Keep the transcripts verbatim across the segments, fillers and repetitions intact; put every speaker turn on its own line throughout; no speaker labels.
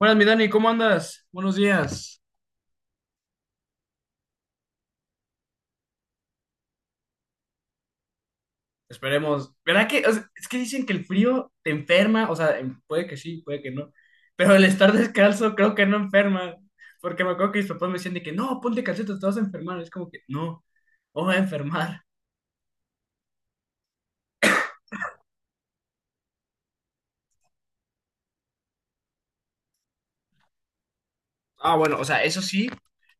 Buenas, mi Dani, ¿cómo andas? Buenos días. Esperemos. ¿Verdad que? O sea, es que dicen que el frío te enferma. O sea, em- puede que sí, puede que no. Pero el estar descalzo creo que no enferma. Porque me acuerdo que mis papás me decían de que no, ponte calcetas, te vas a enfermar. Es como que no, no voy a enfermar. Ah, bueno, o sea, eso sí,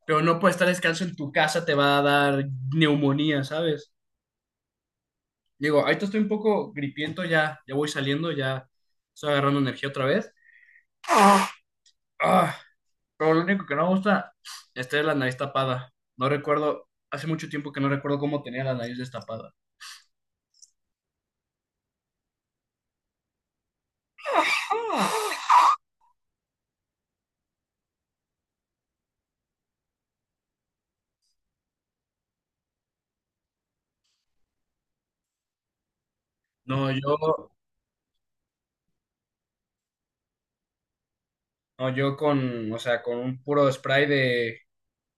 pero no por estar descalzo en tu casa te va a dar neumonía, ¿sabes? Digo, ahorita estoy un poco gripiento, ya, ya voy saliendo, ya estoy agarrando energía otra vez. Ah. Pero lo único que no me gusta es tener la nariz tapada. No recuerdo, hace mucho tiempo que no recuerdo cómo tenía la nariz destapada. No, yo, no, yo con, o sea, con un puro spray de,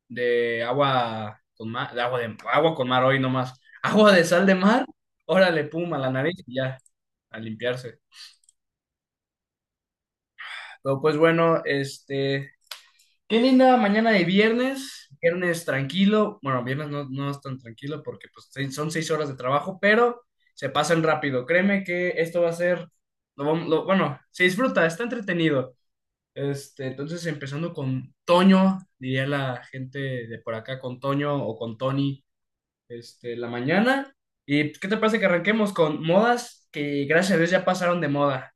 de agua con mar, de agua de agua con mar hoy nomás. Agua de sal de mar, órale, pum, a la nariz y ya, a limpiarse. Pero pues bueno, este, qué linda mañana de viernes, viernes tranquilo, bueno, viernes no, no es tan tranquilo porque pues, se- son seis horas de trabajo, pero se pasan rápido. Créeme que esto va a ser, lo vam- lo- bueno, se disfruta, está entretenido. Este, entonces, empezando con Toño, diría la gente de por acá, con Toño o con Tony, este, la mañana. ¿Y pues, qué te parece que arranquemos con modas que gracias a Dios ya pasaron de moda?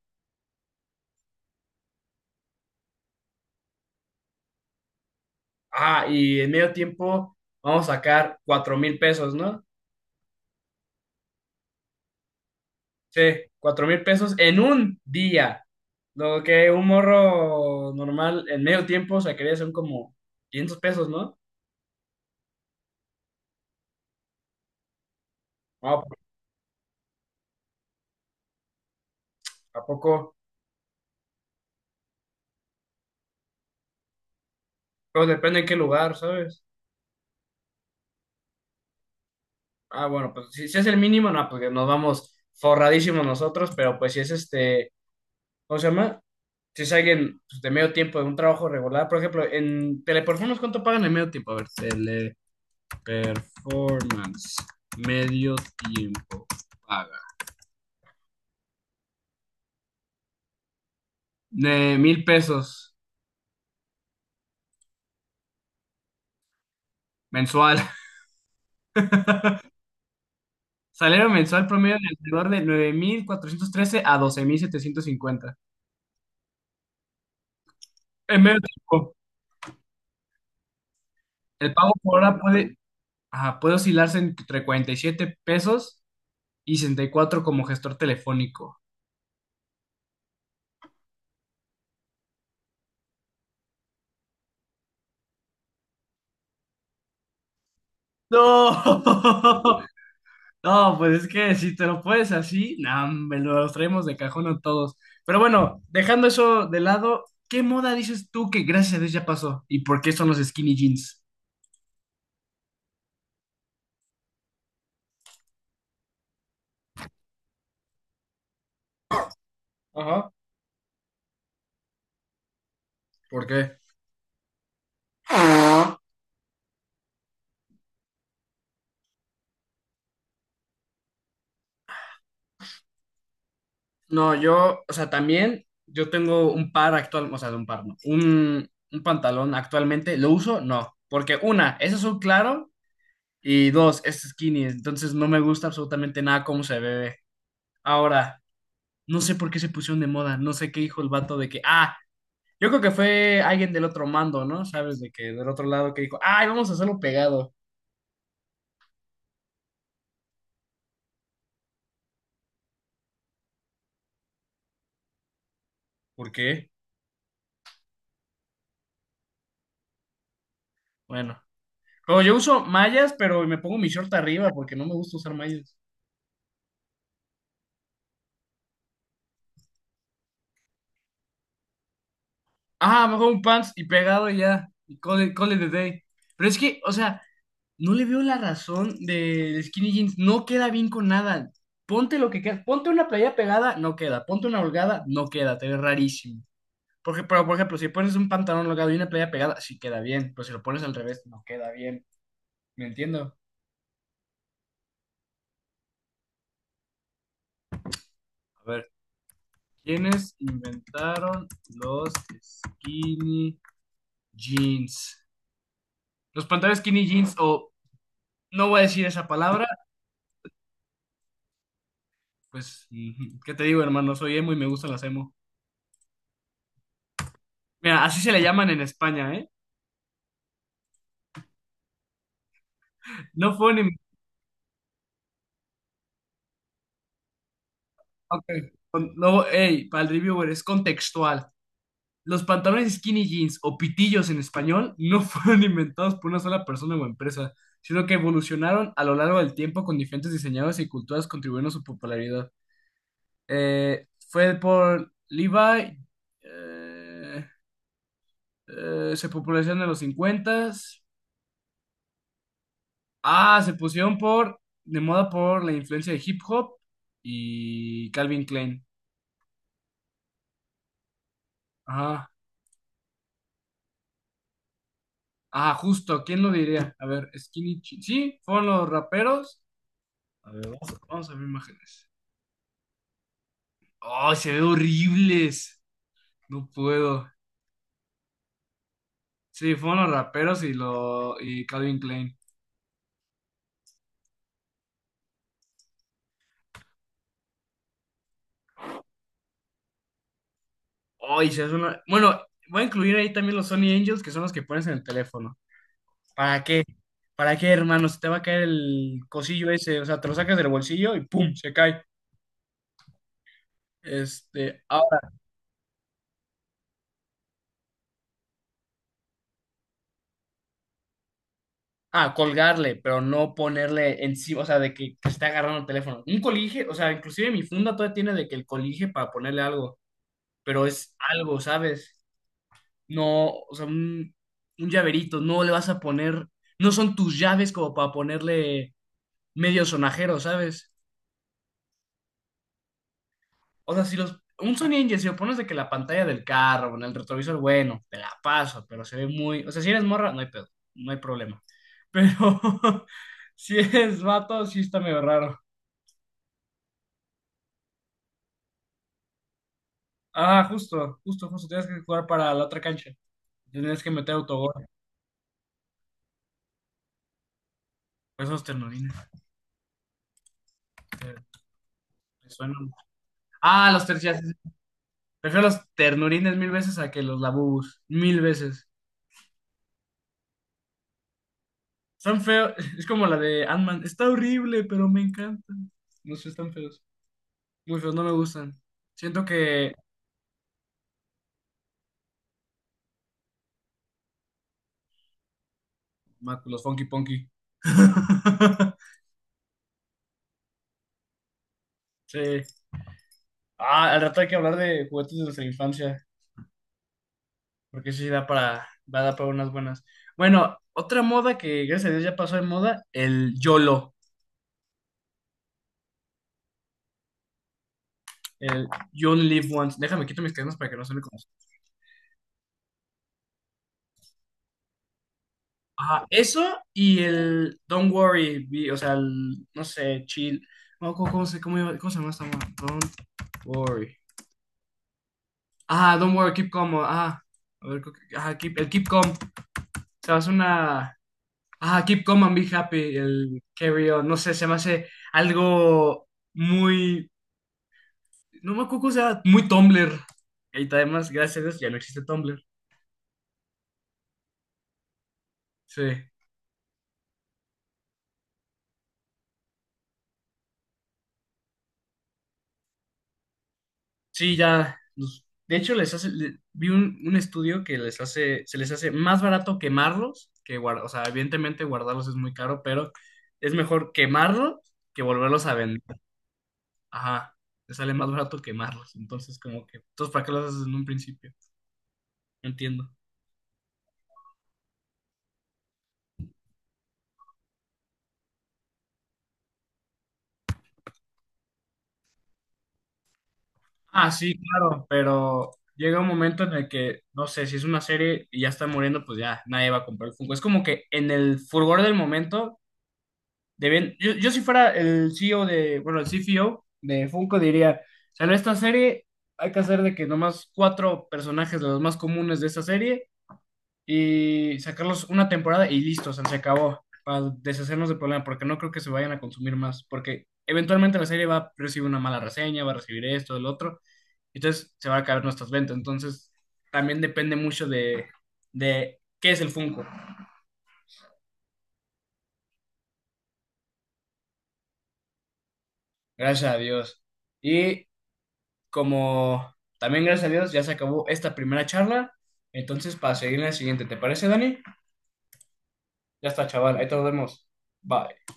Ah, y en medio tiempo vamos a sacar cuatro mil pesos, ¿no? Sí, cuatro mil pesos en un día. Lo que un morro normal en medio tiempo sacaría son como quinientos pesos, ¿no? No, pues, ¿a poco? Pero depende en qué lugar, ¿sabes? Ah, bueno, pues si, si es el mínimo, no, porque nos vamos forradísimos nosotros, pero pues si es este, ¿cómo se llama? Si es alguien pues, de medio tiempo, de un trabajo regular, por ejemplo, en Teleperformance, ¿cuánto pagan en medio tiempo? A ver, Teleperformance, medio tiempo paga. De mil pesos. Mensual. Salario mensual promedio de alrededor de nueve mil cuatrocientos trece a doce mil setecientos cincuenta. En medio tiempo, el pago por hora puede, ajá, puede oscilarse entre cuarenta y siete pesos y sesenta y cuatro como gestor telefónico. No, no, pues es que si te lo puedes así, nah, me los traemos de cajón a todos. Pero bueno, dejando eso de lado, ¿qué moda dices tú que gracias a Dios ya pasó? ¿Y por qué son los skinny jeans? Ajá, ¿por qué? No, yo, o sea, también yo tengo un par actual, o sea, de un par, no, un, un pantalón actualmente, ¿lo uso? No, porque una, es azul claro y dos, es skinny, entonces no me gusta absolutamente nada cómo se ve. Ahora, no sé por qué se pusieron de moda, no sé qué dijo el vato de que, ah, yo creo que fue alguien del otro mando, ¿no? ¿Sabes? De que del otro lado que dijo, ay, vamos a hacerlo pegado. ¿Por qué? Bueno, pero yo uso mallas, pero me pongo mi short arriba porque no me gusta usar mallas. Ah, mejor un pants y pegado y ya. Y call it, call it a day. Pero es que, o sea, no le veo la razón del skinny jeans. No queda bien con nada. Ponte lo que quieras. Ponte una playa pegada, no queda. Ponte una holgada, no queda. Te ve rarísimo. Porque, pero, por ejemplo, si pones un pantalón holgado y una playa pegada, sí queda bien. Pero si lo pones al revés, no queda bien. ¿Me entiendo? A ver, ¿quiénes inventaron los skinny jeans? Los pantalones skinny jeans, o no voy a decir esa palabra. Pues, ujú, ¿qué te digo, hermano? Soy emo y me gustan las emo. Mira, así se le llaman en España, ¿eh? No fue un... Ok. Con- No, hey, para el reviewer, es contextual. Los pantalones skinny jeans o pitillos en español no fueron inventados por una sola persona o empresa, sino que evolucionaron a lo largo del tiempo con diferentes diseñadores y culturas contribuyendo a su popularidad. Eh, fue por Levi, eh, eh, se popularizó en los cincuentas. Ah, se pusieron por, de moda por la influencia de hip hop y Calvin Klein. Ajá. Ah, justo, ¿quién lo diría? A ver, Skinny Chi- sí, fueron los raperos. A ver, vamos, a vamos a ver imágenes. ¡Ay, se ve horribles! No puedo. Sí, fueron los raperos y lo y Calvin Klein. ¡Ay, se hace una. Bueno, voy a incluir ahí también los Sony Angels, que son los que pones en el teléfono. ¿Para qué? ¿Para qué, hermano? Se te va a caer el cosillo ese, o sea, te lo sacas del bolsillo y ¡pum! Se cae. Este, ah, ah, colgarle, pero no ponerle encima, o sea, de que, que esté agarrando el teléfono. Un colige, o sea, inclusive mi funda todavía tiene de que el colige para ponerle algo, pero es algo, ¿sabes? No, o sea, un, un llaverito, no le vas a poner, no son tus llaves como para ponerle medio sonajero, ¿sabes? O sea, si los. Un Sony Engine, si lo pones de que la pantalla del carro, en el retrovisor, bueno, te la paso, pero se ve muy. O sea, si eres morra, no hay pedo, no hay problema. Pero si eres vato, sí está medio raro. Ah, justo, justo, justo. Tienes que jugar para la otra cancha. Tienes que meter autogol. Esos ternurines. te- te suenan. Ah, los tercias. Prefiero los ternurines mil veces a que los labubus. Mil veces. Están feos. Es como la de Ant-Man. Está horrible, pero me encanta. No sé, están feos. Muy feos, no me gustan. Siento que... Máculos, funky punky. Sí. Ah, al rato hay que hablar de juguetes de nuestra infancia, porque eso sí da para, va a dar para unas buenas. Bueno, otra moda que gracias a Dios ya pasó de moda, el YOLO, el You Only Live Once. Déjame quito mis cadenas para que no se me conozcan. Ajá, eso y el Don't Worry, be- o sea, el, no sé, chill. No, ¿cómo, cómo se, cómo iba- ¿cómo se llama esta moda? Don't Worry. Ah, don't worry, keep calm. Ah, a ver, creo que- ah, keep, el keep calm. Se me hace una. Ah, keep calm and be happy. El carry on. No sé, se me hace algo muy. No me acuerdo, o sea, muy Tumblr. Y además, gracias a Dios, ya no existe Tumblr. Sí. Sí, ya. los- De hecho, les hace. le- vi un, un estudio que les hace. Se les hace más barato quemarlos que guardar. O sea, evidentemente guardarlos es muy caro, pero es mejor quemarlos que volverlos a vender. Ajá, te sale más barato quemarlos. Entonces, como que, entonces, ¿para qué los haces en un principio? No entiendo. Ah, sí, claro, pero llega un momento en el que, no sé, si es una serie y ya está muriendo, pues ya nadie va a comprar el Funko. Es como que en el furgor del momento, deben, yo, yo si fuera el C E O de, bueno, el C F O de Funko diría, sale esta serie, hay que hacer de que nomás cuatro personajes de los más comunes de esta serie y sacarlos una temporada y listo, o sea, se acabó, para deshacernos del problema, porque no creo que se vayan a consumir más, porque eventualmente la serie va a recibir una mala reseña, va a recibir esto, el otro, entonces se van a caer nuestras ventas, entonces también depende mucho de, de qué es el Funko, gracias a Dios. Y como también gracias a Dios ya se acabó esta primera charla, entonces para seguir en la siguiente, ¿te parece, Dani? Ya está, chaval, ahí te nos vemos. Bye.